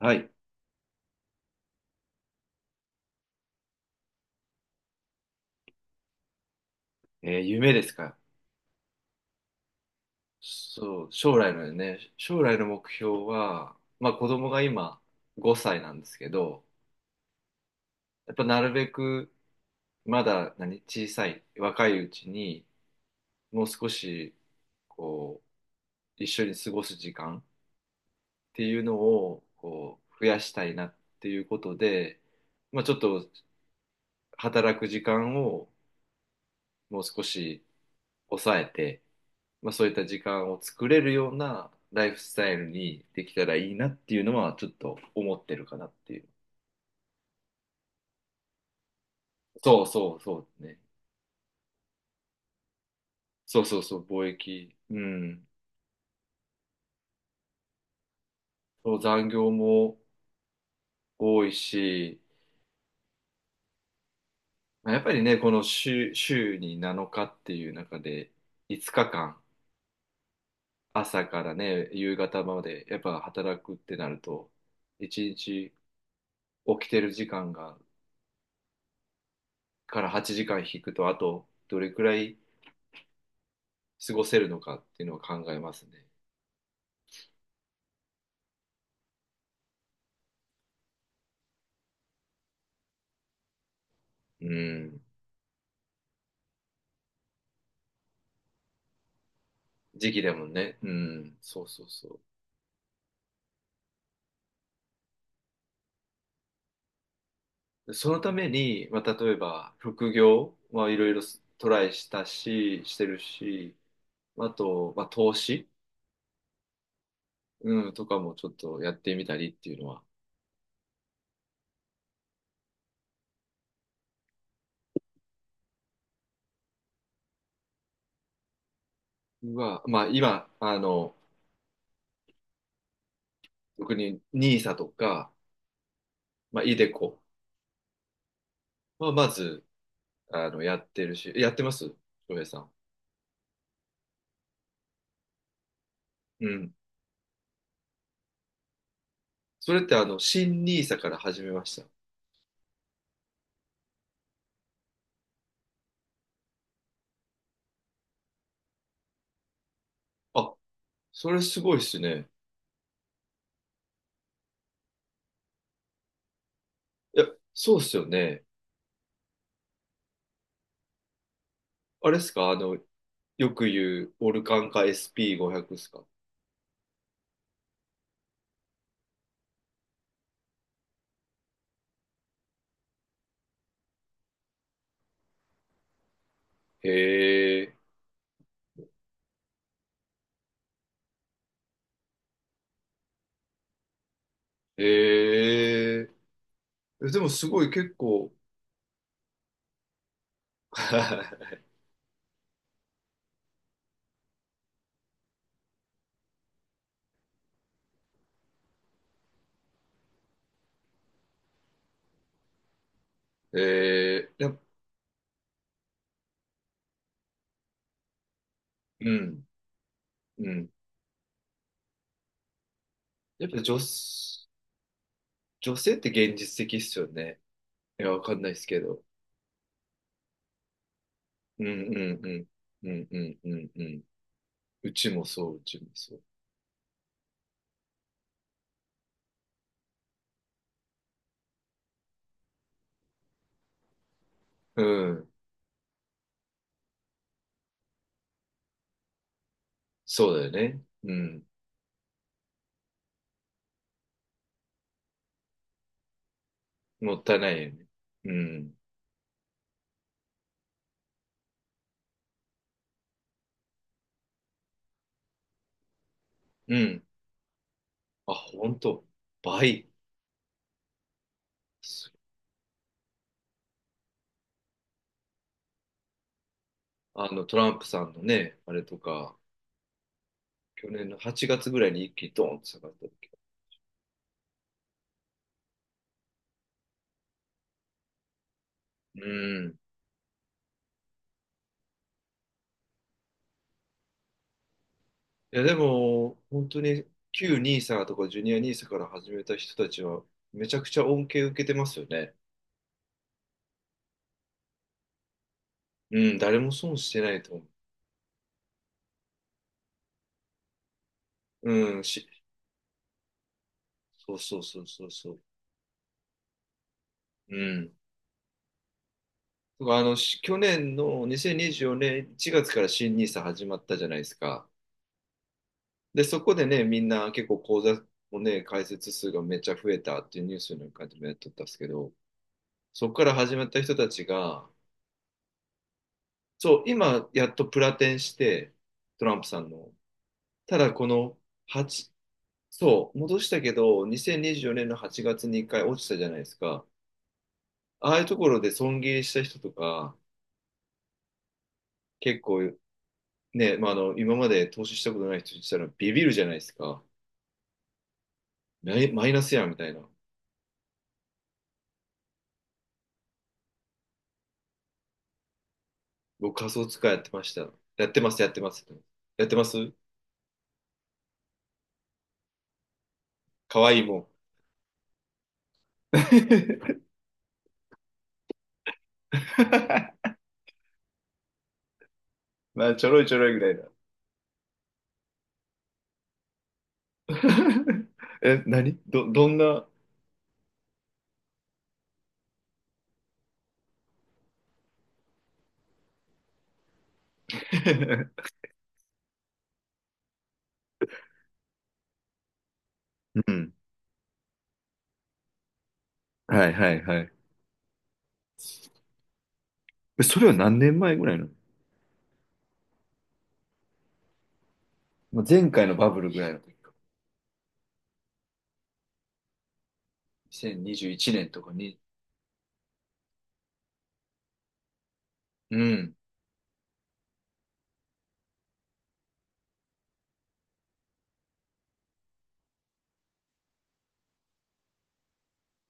はい。夢ですか？そう、将来のね、将来の目標は、まあ子供が今5歳なんですけど、やっぱなるべくまだ小さい、若いうちに、もう少し、こう、一緒に過ごす時間っていうのを、こう、増やしたいなっていうことで、まあちょっと働く時間をもう少し抑えて、まあ、そういった時間を作れるようなライフスタイルにできたらいいなっていうのはちょっと思ってるかなっていう。そうそうそうね。そうそうそう、貿易。うん。そう、残業も多いし、まあ、やっぱりね、この週に7日っていう中で5日間、朝からね、夕方までやっぱ働くってなると、1日起きてる時間がから8時間引くと、あとどれくらい過ごせるのかっていうのを考えますね。うん。時期だもんね。うん。そうそうそう。そのために、まあ、例えば、副業はいろいろトライしたし、してるし、まあと、まあ、投資、うん、とかもちょっとやってみたりっていうのは、は、まあ、今、あの、特にニー s とか、まあ、イデコはまず、あの、やってます翔平さん。うん。それって、あの、新ニー s から始めました？あ、それすごいっすね。いや、そうっすよね。あれっすか、あの、よく言うオルカンか SP500 ですか？へえ、へえ、えでもすごい結構 えー、やっ、うん、うん。やっぱ女性って現実的っすよね。いや、わかんないですけど。うんうんうん。うんうんうんうん。うちもそう、うちもそう。うん。そうだよね。うん。もったいないよね。うん。うん。あ、ほんと。倍。あの、トランプさんのね、あれとか。去年の8月ぐらいに一気にドーンと下がった時。うん。いや、でも、本当に旧ニーサとかジュニアニーサから始めた人たちは、めちゃくちゃ恩恵受けてますよね。うん、誰も損してないと思う。そうそうそうそうそう。うん。だから去年の2024年1月から新ニーサ始まったじゃないですか。で、そこでね、みんな結構口座をね、開設数がめっちゃ増えたっていうニュースなんかでもやっとったんですけど、そこから始まった人たちが、そう、今、やっとプラテンして、トランプさんの。ただ、この8、そう、戻したけど、2024年の8月に1回落ちたじゃないですか。ああいうところで損切りした人とか、結構ね、まあ、あの、今まで投資したことない人にしたらビビるじゃないですか。マイマイナスやんみたいな。僕、仮想通貨やってました。やってます、やってます。やってます。かわいいもん。まあ、ちょろいちょろいぐらいだ。え、どんな？ うん。はいはいはい。えそれは何年前ぐらいなの？まあ前回のバブルぐらいの時か。2021年とかに。うん。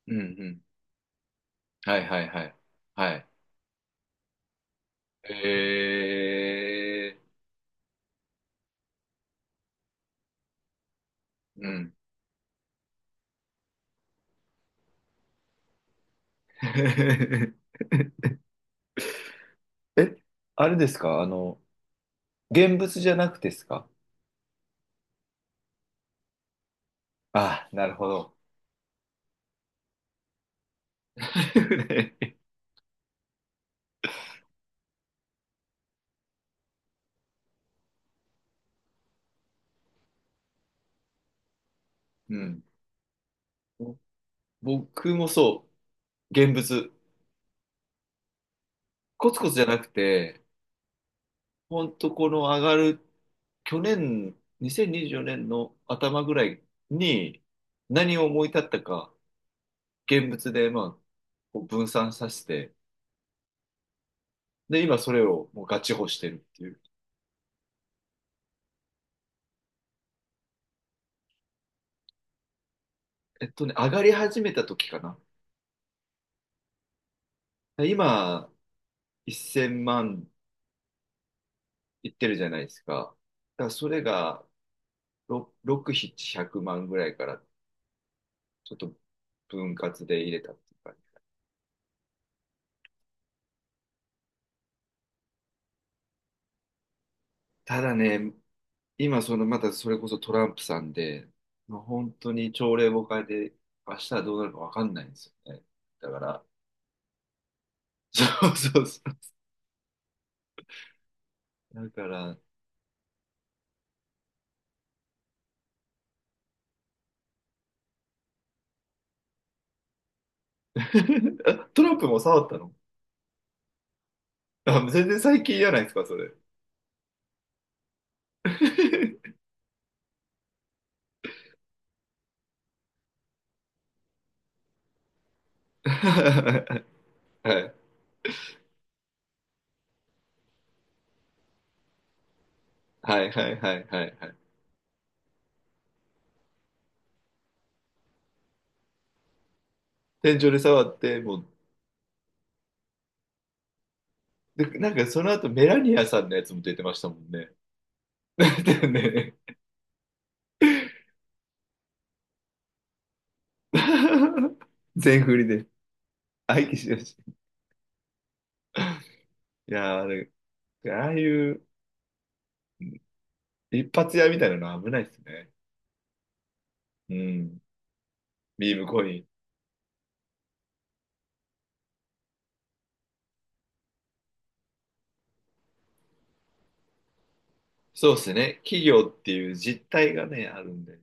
うんうん。はいはいはい。はい。えー。うん。え、あれですか、あの、現物じゃなくてですか？ああ、なるほど。うん。僕もそう。現物。コツコツじゃなくて、ほんとこの上がる去年、2024年の頭ぐらいに何を思い立ったか、現物で、まあ、こう分散させて、で、今それをもうガチホしてるっていう。えっとね、上がり始めた時かな。今、1000万いってるじゃないですか。だからそれが6、6、700万ぐらいからちょっと分割で入れたっていうか。ただね、今、その、またそれこそトランプさんで、まあ、本当に朝令暮改で、明日はどうなるかわかんないんですよね。だから、そうそうそう。だから、あ、トランプも触ったの？あ、全然最近じゃないですか、それ。はい、はいはいはいはいはい。天井で触って、もう、で、なんかその後メラニアさんのやつも出てましたもんね。だってね。全振りで。相手しだし。いやー、あれ、ああいう、一発屋みたいなのは危ないですね。うん。ビームコイン。そうですね。企業っていう実態がね、あるんで。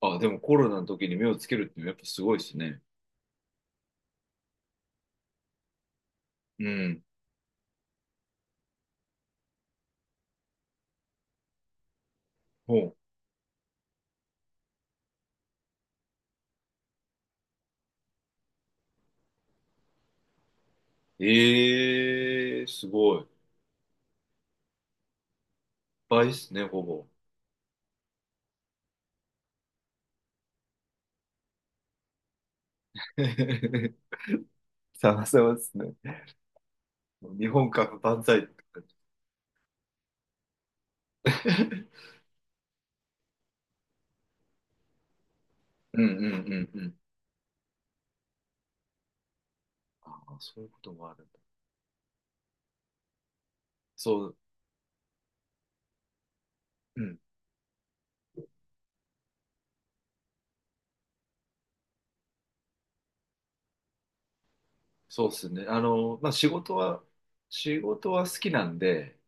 あ、でもコロナの時に目をつけるっていうのはやっぱすごいですね。うん。ほう。ええすごい。倍ですね、ほぼ。さまさまですね。日本株万歳って感じ。うんうんうんうん。ああ、そういうこともあるんだ。そう、うん。そうですね。あの、まあ、仕事は好きなんで、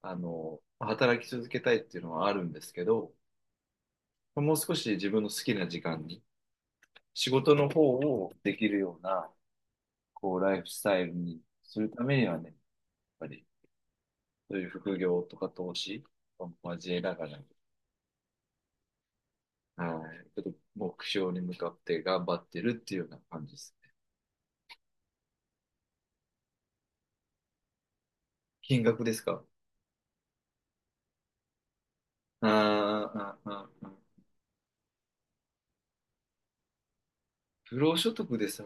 あの、働き続けたいっていうのはあるんですけど、もう少し自分の好きな時間に、仕事の方をできるような、こう、ライフスタイルにするためにはね、やっぱり、そういう副業とか投資を交えながらね、はい、ちょっと目標に向かって頑張ってるっていうような感じです。金額ですか？あーあー、あーあ、不労所得でさ、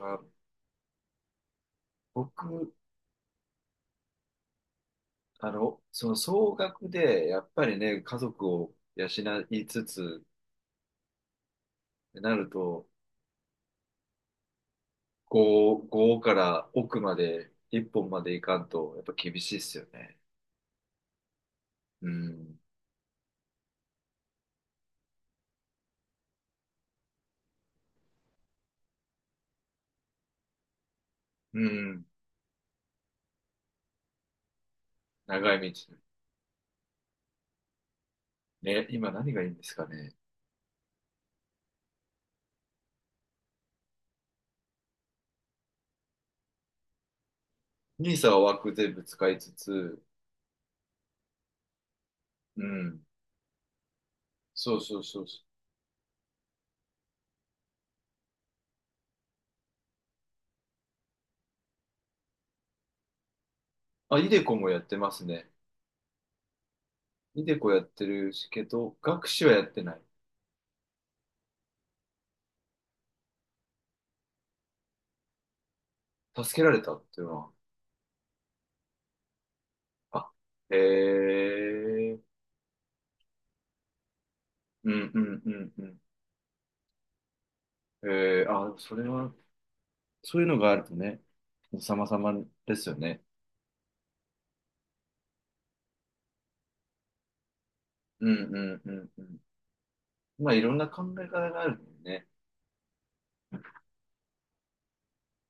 僕、あの、その総額で、やっぱりね、家族を養いつつ、ってなると、5から奥まで、一本まで行かんと、やっぱ厳しいっすよね。うん。うん。長い道。ね、今何がいいんですかね。兄さんは枠全部使いつつ、うん。そうそうそうそう。あ、イデコもやってますね。イデコやってるしけど、学士はやってない。助けられたっていうのは。あ、へえ。うんうんうんうん。ええ、あ、それは、そういうのがあるとね、様々ですよね。うんうんうんうん。まあ、いろんな考え方があるもんね。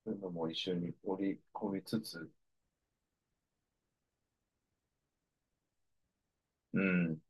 そういうのも一緒に織り込みつつ、うん。